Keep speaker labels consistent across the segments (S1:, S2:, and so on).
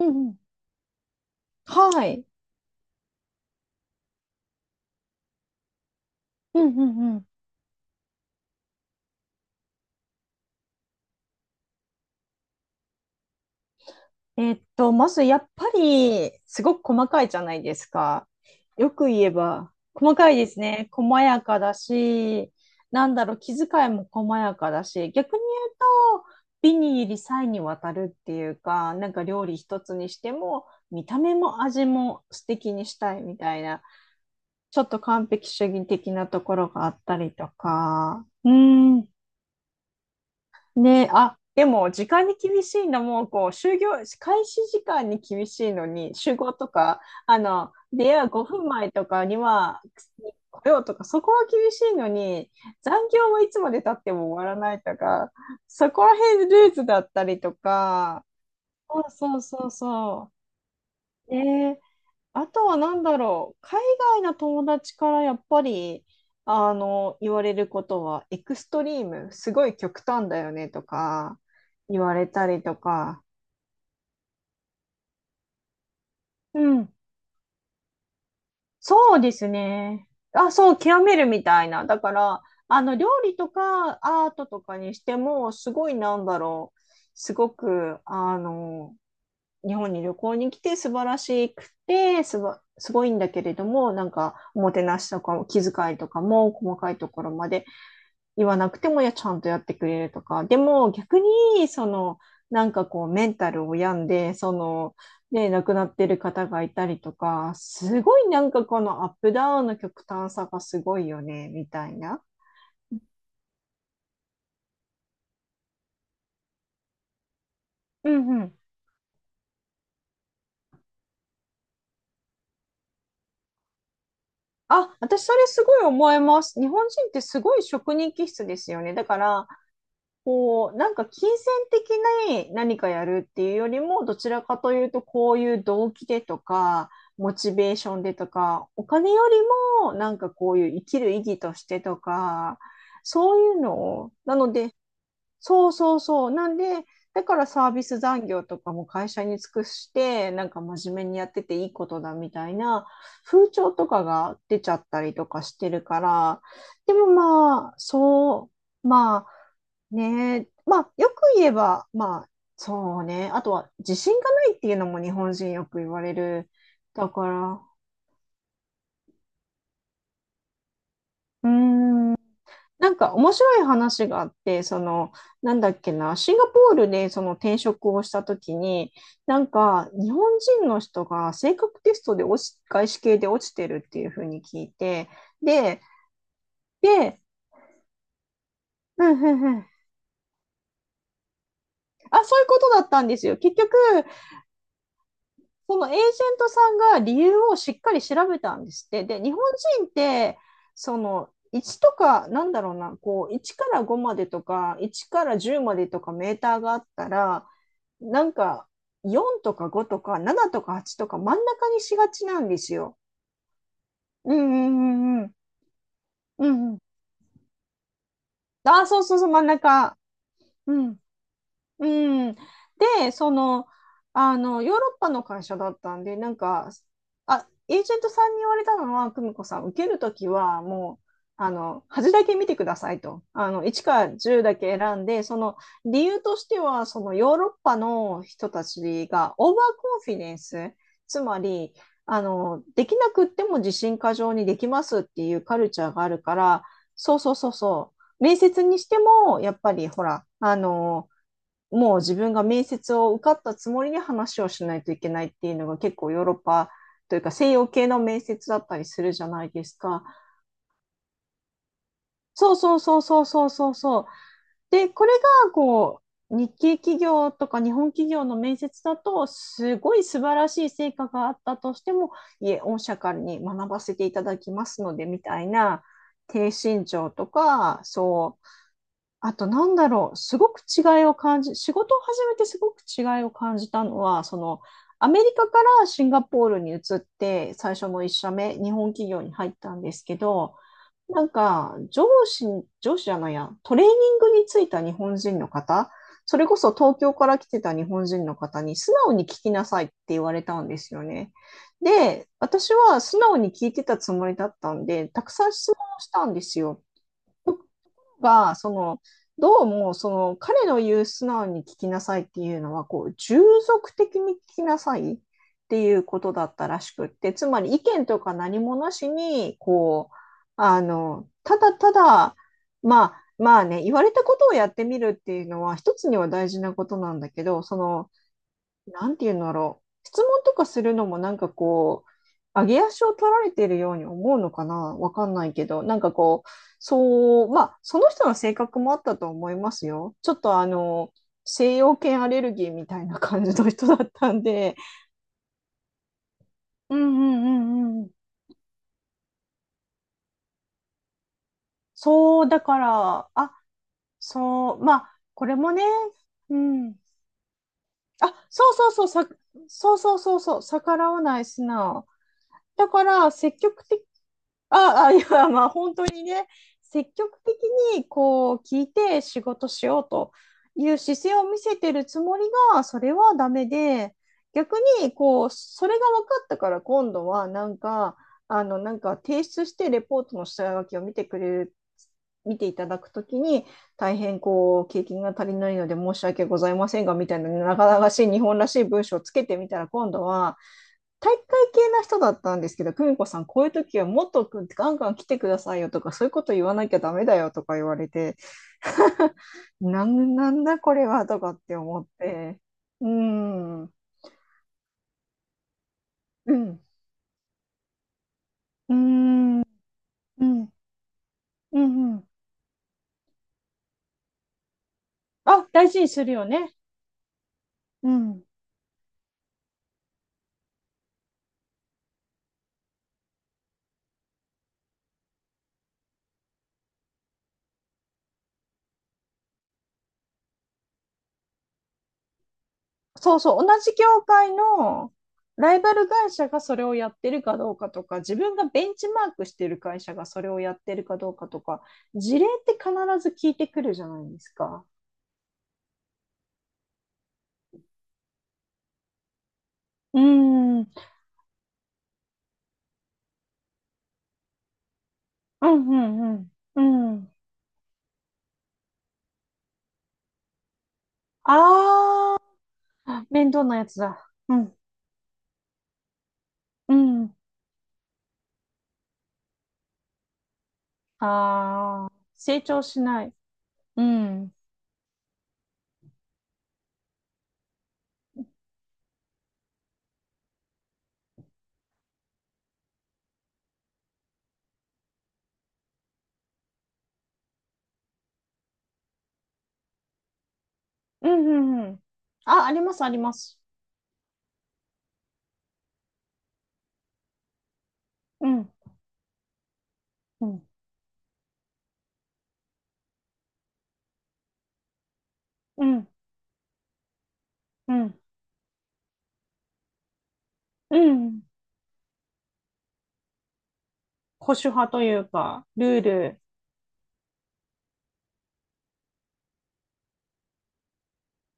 S1: うんうん。はい。うんうんうん。まずやっぱり、すごく細かいじゃないですか。よく言えば、細かいですね。細やかだし、なんだろう、気遣いも細やかだし、逆に言うと、美に入り細にわたるっていうか、なんか料理一つにしても、見た目も味も素敵にしたいみたいな、ちょっと完璧主義的なところがあったりとか、うん。ねえ、あ、でも時間に厳しいのも、こう、就業、開始時間に厳しいのに、集合とか、出会う5分前とかには来ようとか、そこは厳しいのに、残業はいつまで経っても終わらないとか、そこら辺ルーズだったりとか、そうそうそうそう。ねえ、あとは何だろう、海外の友達からやっぱり言われることは、エクストリーム、すごい極端だよねとか言われたりとか、うん、そうですね。あ、そう、極めるみたいな。だから、あの料理とかアートとかにしても、すごいなんだろう、すごく、日本に旅行に来て素晴らしくてすごいんだけれども、なんか、おもてなしとか気遣いとかも細かいところまで言わなくても、いや、ちゃんとやってくれるとか、でも逆に、その、なんかこう、メンタルを病んで、その、ね、亡くなってる方がいたりとか、すごいなんかこのアップダウンの極端さがすごいよね、みたいな。うんうん。あ、私それすごい思います。日本人ってすごい職人気質ですよね。だから、こう、なんか金銭的な何かやるっていうよりも、どちらかというと、こういう動機でとか、モチベーションでとか、お金よりも、なんかこういう生きる意義としてとか、そういうのを、なので、そうそうそう。なんで、だからサービス残業とかも会社に尽くして、なんか真面目にやってていいことだみたいな風潮とかが出ちゃったりとかしてるから、でもまあ、そう、まあね、まあよく言えば、まあそうね、あとは自信がないっていうのも日本人よく言われる。だから、うーん、なんか面白い話があって、その、なんだっけな、シンガポールでその転職をした時に、なんか日本人の人が性格テストで落ち、外資系で落ちてるっていうふうに聞いて、で、で、うんうんうん。あ、そういうことだったんですよ。結局、そのエージェントさんが理由をしっかり調べたんですって。で、日本人って、その、1とか、なんだろうな、こう、1から5までとか、1から10までとかメーターがあったら、なんか、4とか5とか7とか8とか真ん中にしがちなんですよ。うんうんうんうん。うんうん。あ、そうそうそう、真ん中。うん。うん。で、その、ヨーロッパの会社だったんで、なんか、あ、エージェントさんに言われたのは、久美子さん、受けるときは、もう、端だけ見てくださいと。あの、1から10だけ選んで、その理由としては、そのヨーロッパの人たちが、オーバーコンフィデンス、つまり、できなくっても自信過剰にできますっていうカルチャーがあるから、そうそうそうそう。面接にしても、やっぱりほら、もう自分が面接を受かったつもりで話をしないといけないっていうのが結構ヨーロッパというか西洋系の面接だったりするじゃないですか。そうそうそうそうそうそうそう。で、これがこう日系企業とか日本企業の面接だとすごい素晴らしい成果があったとしても、いえ、御社からに学ばせていただきますのでみたいな低身長とか、そう。あと、なんだろう、すごく違いを感じ、仕事を始めてすごく違いを感じたのは、その、アメリカからシンガポールに移って、最初の1社目、日本企業に入ったんですけど、なんか、上司、上司じゃないや、トレーニングについた日本人の方、それこそ東京から来てた日本人の方に素直に聞きなさいって言われたんですよね。で、私は素直に聞いてたつもりだったんで、たくさん質問をしたんですよ。が、その、どうも、その、彼の言う素直に聞きなさいっていうのは、こう、従属的に聞きなさいっていうことだったらしくって、つまり意見とか何もなしに、こう、ただただ、まあ、まあね、言われたことをやってみるっていうのは、一つには大事なことなんだけど、その、なんていうんだろう。質問とかするのもなんかこう、上げ足を取られてるように思うのかなわかんないけど、なんかこう、そう、まあ、その人の性格もあったと思いますよ。ちょっと西洋犬アレルギーみたいな感じの人だったんで、うんうんうんうん。そう、だから、あ、そう、まあ、これもね、うん。あ、そうそうそう、そうそうそうそう、逆らわない素直。だから、積極的ああ、いや、まあ本当にね、積極的にこう聞いて仕事しようという姿勢を見せてるつもりが、それはダメで、逆にこう、それが分かったから今度はなんか、なんか提出してレポートの下書きを見てくれる、見ていただくときに、大変こう、経験が足りないので申し訳ございませんが、みたいな、なかなかしい日本らしい文章をつけてみたら、今度は、体育会系な人だったんですけど、久美子さん、こういう時はもっとガンガン来てくださいよとか、そういうこと言わなきゃダメだよとか言われて、なんだこれはとかって思って、うーん、うん、うん、うん、うん、うん。あ、大事にするよね。うん。そうそう、同じ業界のライバル会社がそれをやってるかどうかとか、自分がベンチマークしてる会社がそれをやってるかどうかとか、事例って必ず聞いてくるじゃないですか。うーんうんうんうん。うん。ああ、面倒なやつだ。うん。うん。ああ、成長しない。うん。うんうんうん。あ、あります、あります。うん。うん。うん。うん。うん。保守派というか、ルール。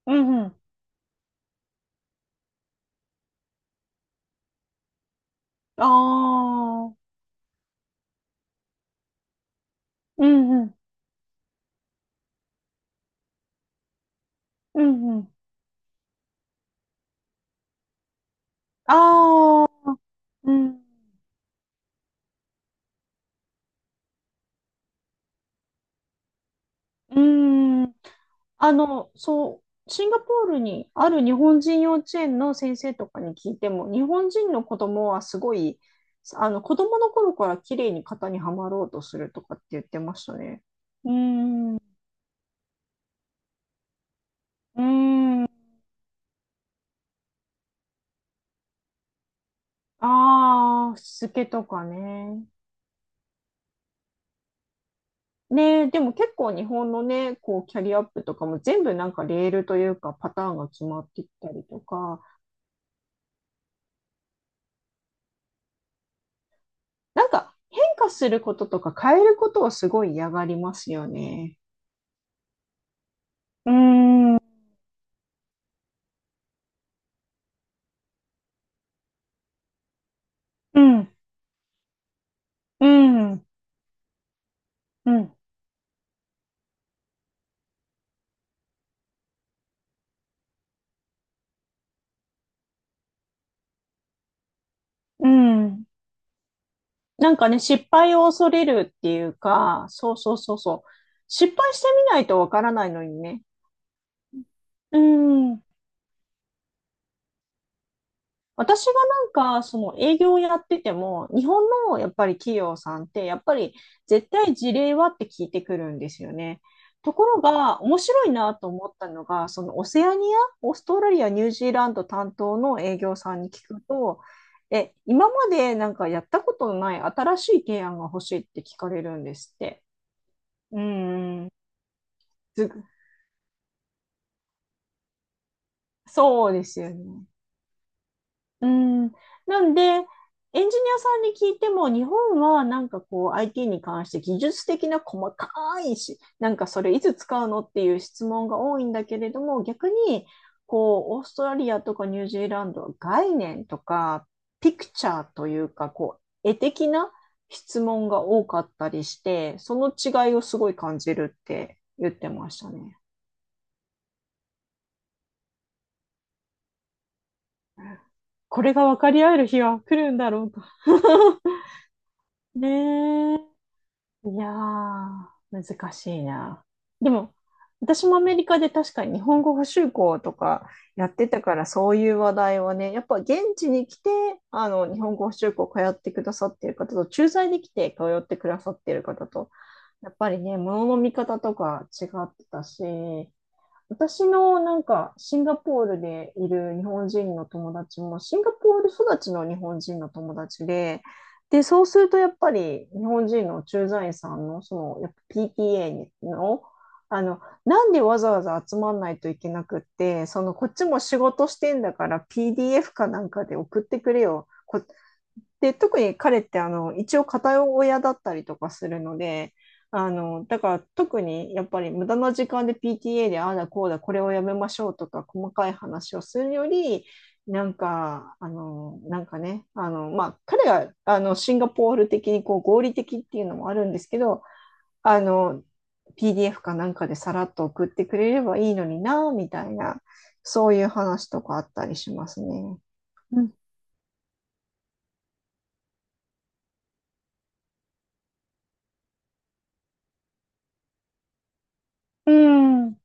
S1: うんうん。ああ、うんうん。うんうん。ああ、うん。うん。そう、シンガポールにある日本人幼稚園の先生とかに聞いても、日本人の子供はすごい、子供の頃から綺麗に型にはまろうとするとかって言ってましたね。うーん、うーん、ああ、しつけとかね。ねえ、でも結構日本のね、こう、キャリアアップとかも全部レールというかパターンが決まってきたりとか、変化することとか変えることをすごい嫌がりますよね。うーんうん、うん、うん、うん。なんかね、失敗を恐れるっていうか、そうそうそうそう。失敗してみないとわからないのにね。うん、私が、その営業をやってても、日本のやっぱり企業さんって、やっぱり絶対事例はって聞いてくるんですよね。ところが、面白いなと思ったのが、そのオセアニア、オーストラリア、ニュージーランド担当の営業さんに聞くと、今までやったことのない新しい提案が欲しいって聞かれるんですって。うんすそうですよね。うん。なんで、エンジニアさんに聞いても、日本はこう IT に関して技術的な細かいし、それいつ使うのっていう質問が多いんだけれども、逆にこうオーストラリアとかニュージーランドは概念とかピクチャーというか、こう絵的な質問が多かったりして、その違いをすごい感じるって言ってましたね。これが分かり合える日は来るんだろうか。ねえ。いやー、難しいな。でも、私もアメリカで確かに日本語補習校とかやってたから、そういう話題はね、やっぱ現地に来て、日本語補習校通ってくださってる方と、駐在で来て通ってくださってる方と、やっぱりね、ものの見方とか違ってたし、私のシンガポールでいる日本人の友達もシンガポール育ちの日本人の友達で、で、そうするとやっぱり日本人の駐在員さんのそのやっぱ PTA の、なんでわざわざ集まんないといけなくって、そのこっちも仕事してんだから PDF かなんかで送ってくれよ。で、特に彼って一応片親だったりとかするので、だから特にやっぱり無駄な時間で PTA でああだこうだこれをやめましょうとか細かい話をするよりまあ、彼がシンガポール的にこう合理的っていうのもあるんですけどあの PDF かなんかでさらっと送ってくれればいいのになみたいな、そういう話とかあったりしますね。うん。うん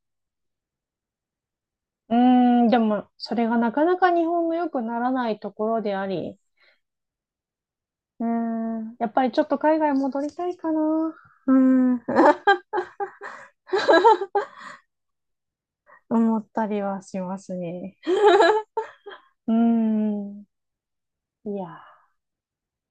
S1: うーん、でも、それがなかなか日本の良くならないところであり、うーん、やっぱりちょっと海外戻りたいかな。うーん、思ったりはしますね。うーん、いやー。